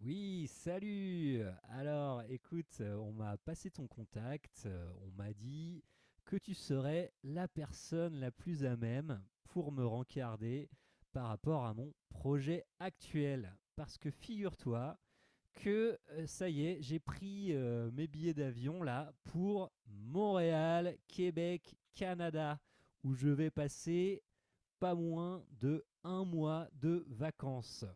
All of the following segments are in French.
Oui, salut! Alors, écoute, on m'a passé ton contact, on m'a dit que tu serais la personne la plus à même pour me rencarder par rapport à mon projet actuel. Parce que figure-toi que ça y est, j'ai pris mes billets d'avion là pour Montréal, Québec, Canada, où je vais passer pas moins de 1 mois de vacances.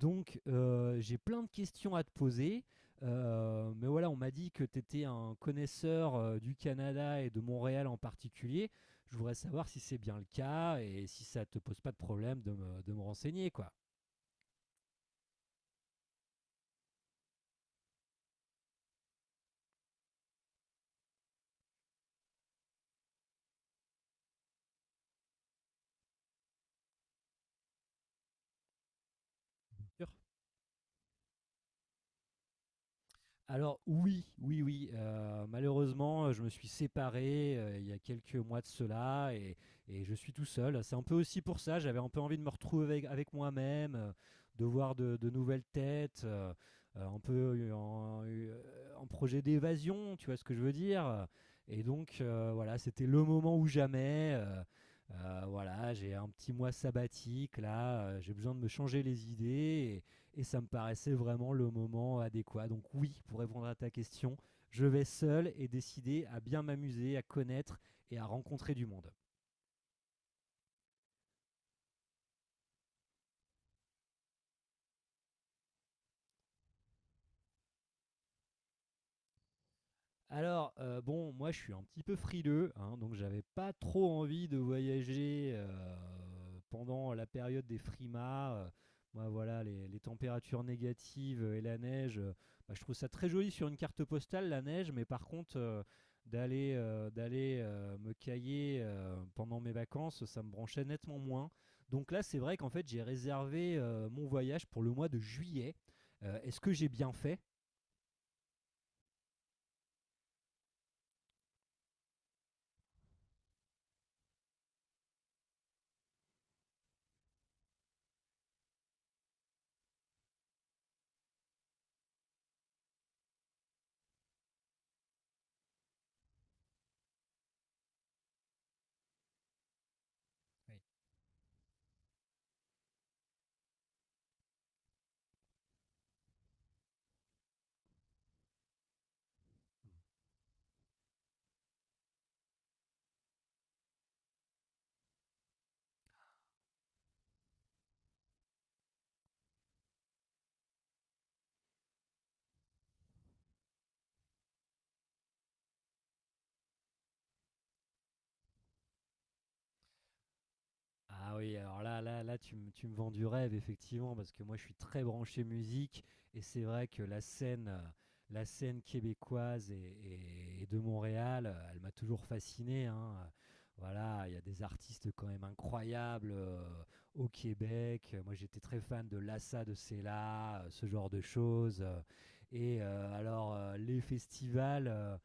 Donc j'ai plein de questions à te poser. Mais voilà, on m'a dit que tu étais un connaisseur du Canada et de Montréal en particulier. Je voudrais savoir si c'est bien le cas et si ça te pose pas de problème de de me renseigner, quoi. Bien sûr. Alors oui, oui, oui, malheureusement, je me suis séparé il y a quelques mois de cela, et je suis tout seul. C'est un peu aussi pour ça, j'avais un peu envie de me retrouver avec moi-même, de voir de nouvelles têtes, un peu en projet d'évasion, tu vois ce que je veux dire. Et donc voilà, c'était le moment ou jamais. Voilà, j'ai un petit mois sabbatique là, j'ai besoin de me changer les idées et ça me paraissait vraiment le moment adéquat. Donc oui, pour répondre à ta question, je vais seul et décidé à bien m'amuser, à connaître et à rencontrer du monde. Alors, bon, moi, je suis un petit peu frileux, hein, donc j'avais pas trop envie de voyager, pendant la période des frimas. Moi, voilà, les températures négatives et la neige, bah, je trouve ça très joli sur une carte postale, la neige, mais par contre, d'aller, d'aller, me cailler, pendant mes vacances, ça me branchait nettement moins. Donc là, c'est vrai qu'en fait, j'ai réservé, mon voyage pour le mois de juillet. Est-ce que j'ai bien fait? Oui. Ah oui, alors là là là, tu me vends du rêve effectivement, parce que moi je suis très branché musique et c'est vrai que la scène québécoise et de Montréal, elle m'a toujours fasciné, hein, voilà, il y a des artistes quand même incroyables, au Québec, moi j'étais très fan de Lassa de Cella, ce genre de choses, et heu, alors, les festivals, heu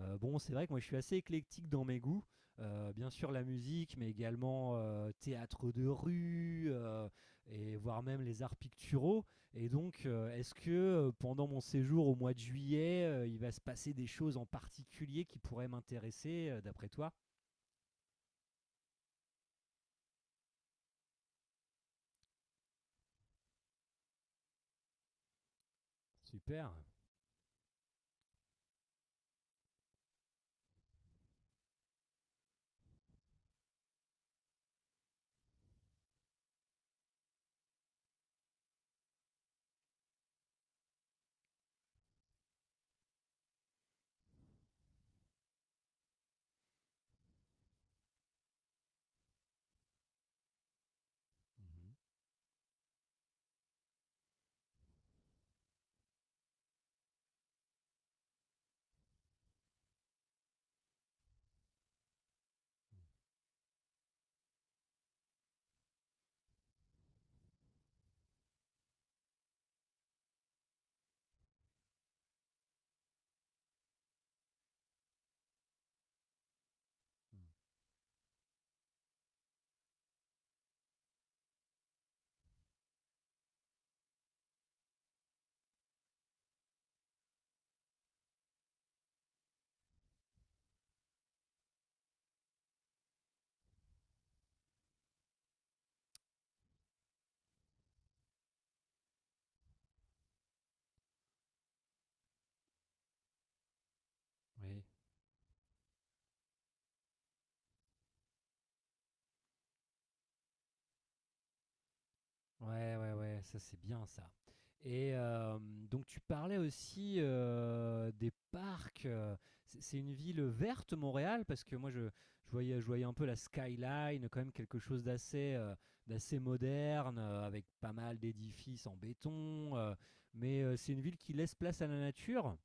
heu, bon c'est vrai que moi je suis assez éclectique dans mes goûts, bien sûr la musique, mais également théâtre de rue, et voire même les arts picturaux. Et donc, est-ce que pendant mon séjour au mois de juillet, il va se passer des choses en particulier qui pourraient m'intéresser, d'après toi? Super. Mhm. Mhm. Oui. Ouais, ouais, ouais, ça c'est bien ça. Et donc tu parlais aussi des parcs. C'est une ville verte, Montréal, parce que moi je, je voyais un peu la skyline, quand même quelque chose d'assez moderne, avec pas mal d'édifices en béton. Mais c'est une ville qui laisse place à la nature.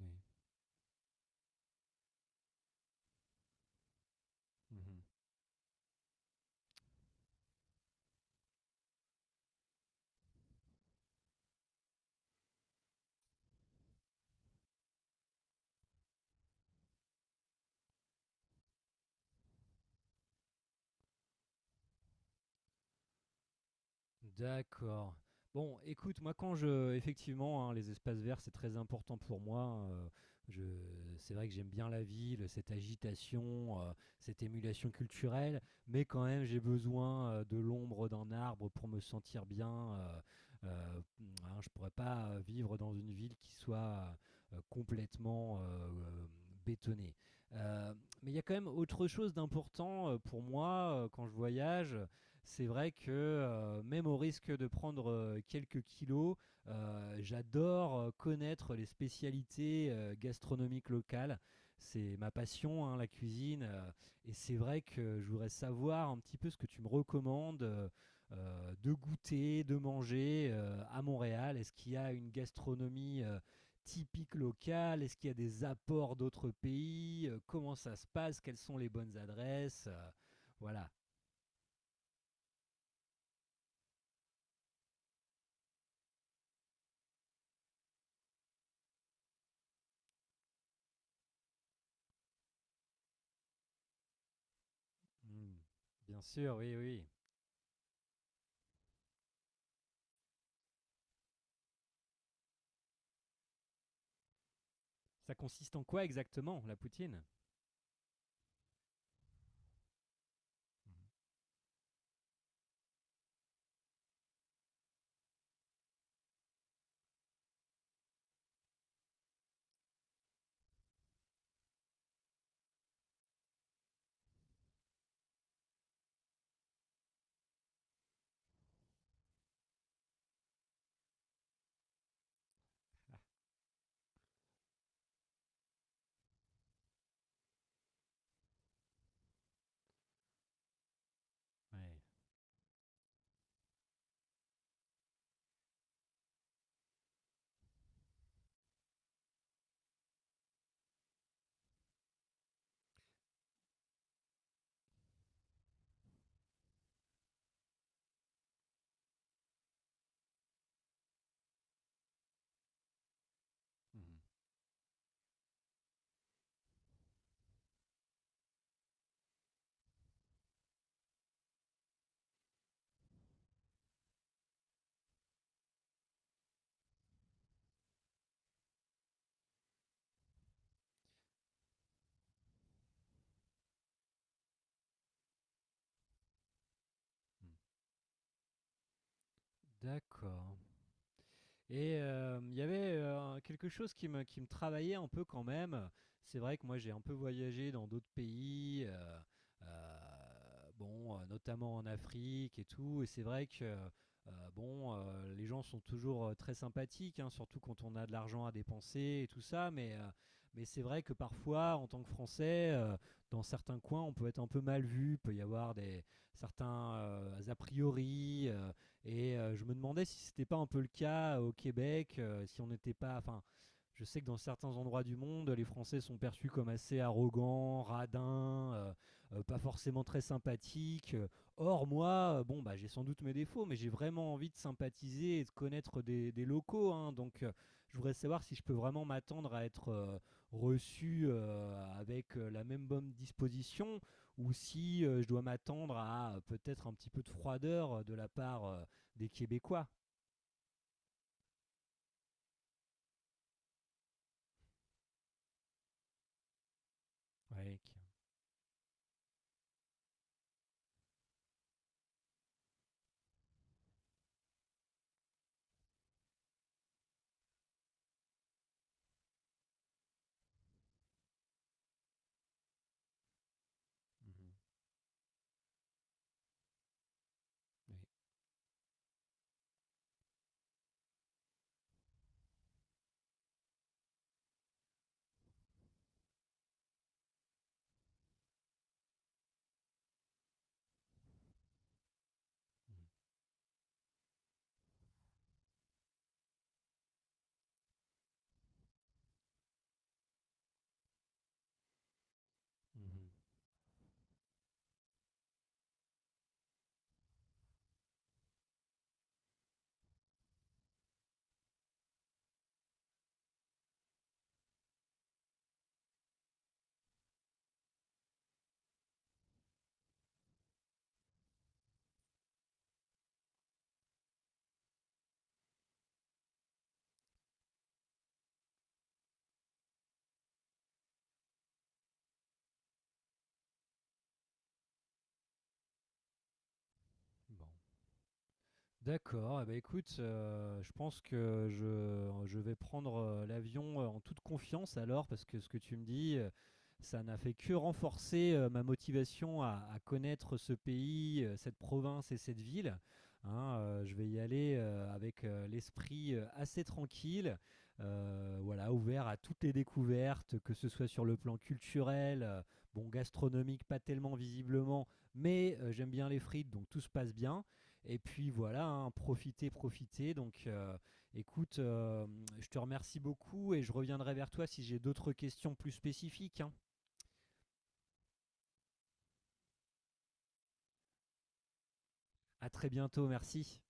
Oui. Mhm. D'accord. Bon, écoute, moi quand je, effectivement, hein, les espaces verts, c'est très important pour moi, je c'est vrai que j'aime bien la ville, cette agitation, cette émulation culturelle, mais quand même j'ai besoin, de l'ombre d'un arbre pour me sentir bien, hein, je pourrais pas, vivre dans une ville qui soit complètement, hem, bétonnée. Heu, mais il y a quand même autre chose d'important, pour moi, quand je voyage, c'est vrai que même au risque de prendre quelques kilos, j'adore connaître les spécialités gastronomiques locales. C'est ma passion, hein, la cuisine. Et c'est vrai que je voudrais savoir un petit peu ce que tu me recommandes de goûter, de manger à Montréal. Est-ce qu'il y a une gastronomie typique locale? Est-ce qu'il y a des apports d'autres pays? Comment ça se passe? Quelles sont les bonnes adresses? Voilà. Mmh. Bien sûr, oui, oui. Ça consiste en quoi exactement, la poutine? Ouais. Mmh. D'accord. Et il y avait quelque chose qui me travaillait un peu quand même. C'est vrai que moi j'ai un peu voyagé dans d'autres pays, bon, notamment en Afrique et tout. Et c'est vrai que bon, les gens sont toujours très sympathiques, hein, surtout quand on a de l'argent à dépenser et tout ça. Mais c'est vrai que parfois, en tant que Français, dans certains coins, on peut être un peu mal vu. Il peut y avoir des certains a priori. Je me demandais si c'était pas un peu le cas au Québec, si on n'était pas. Enfin, je sais que dans certains endroits du monde, les Français sont perçus comme assez arrogants, radins, pas forcément très sympathiques. Or, moi, bon, bah, j'ai sans doute mes défauts, mais j'ai vraiment envie de sympathiser et de connaître des locaux, hein. Donc, je voudrais savoir si je peux vraiment m'attendre à être reçu avec la même bonne disposition ou si je dois m'attendre à peut-être un petit peu de froideur de la part des Québécois. Ouais, qui- mhm, oui, mhm, mhm. Bon. D'accord, eh ben, écoute, je pense que je vais prendre, l'avion, en toute confiance alors parce que ce que tu me dis, ça n'a fait que renforcer, ma motivation à connaître ce pays, cette province et cette ville, hein, je vais y aller, avec, l'esprit, assez tranquille, voilà, ouvert à toutes les découvertes, que ce soit sur le plan culturel, bon, gastronomique pas tellement visiblement, mais j'aime bien les frites donc tout se passe bien, et puis voilà, hein, profitez, profitez. Donc écoute, je te remercie beaucoup et je reviendrai vers toi si j'ai d'autres questions plus spécifiques, hein. À très bientôt, merci.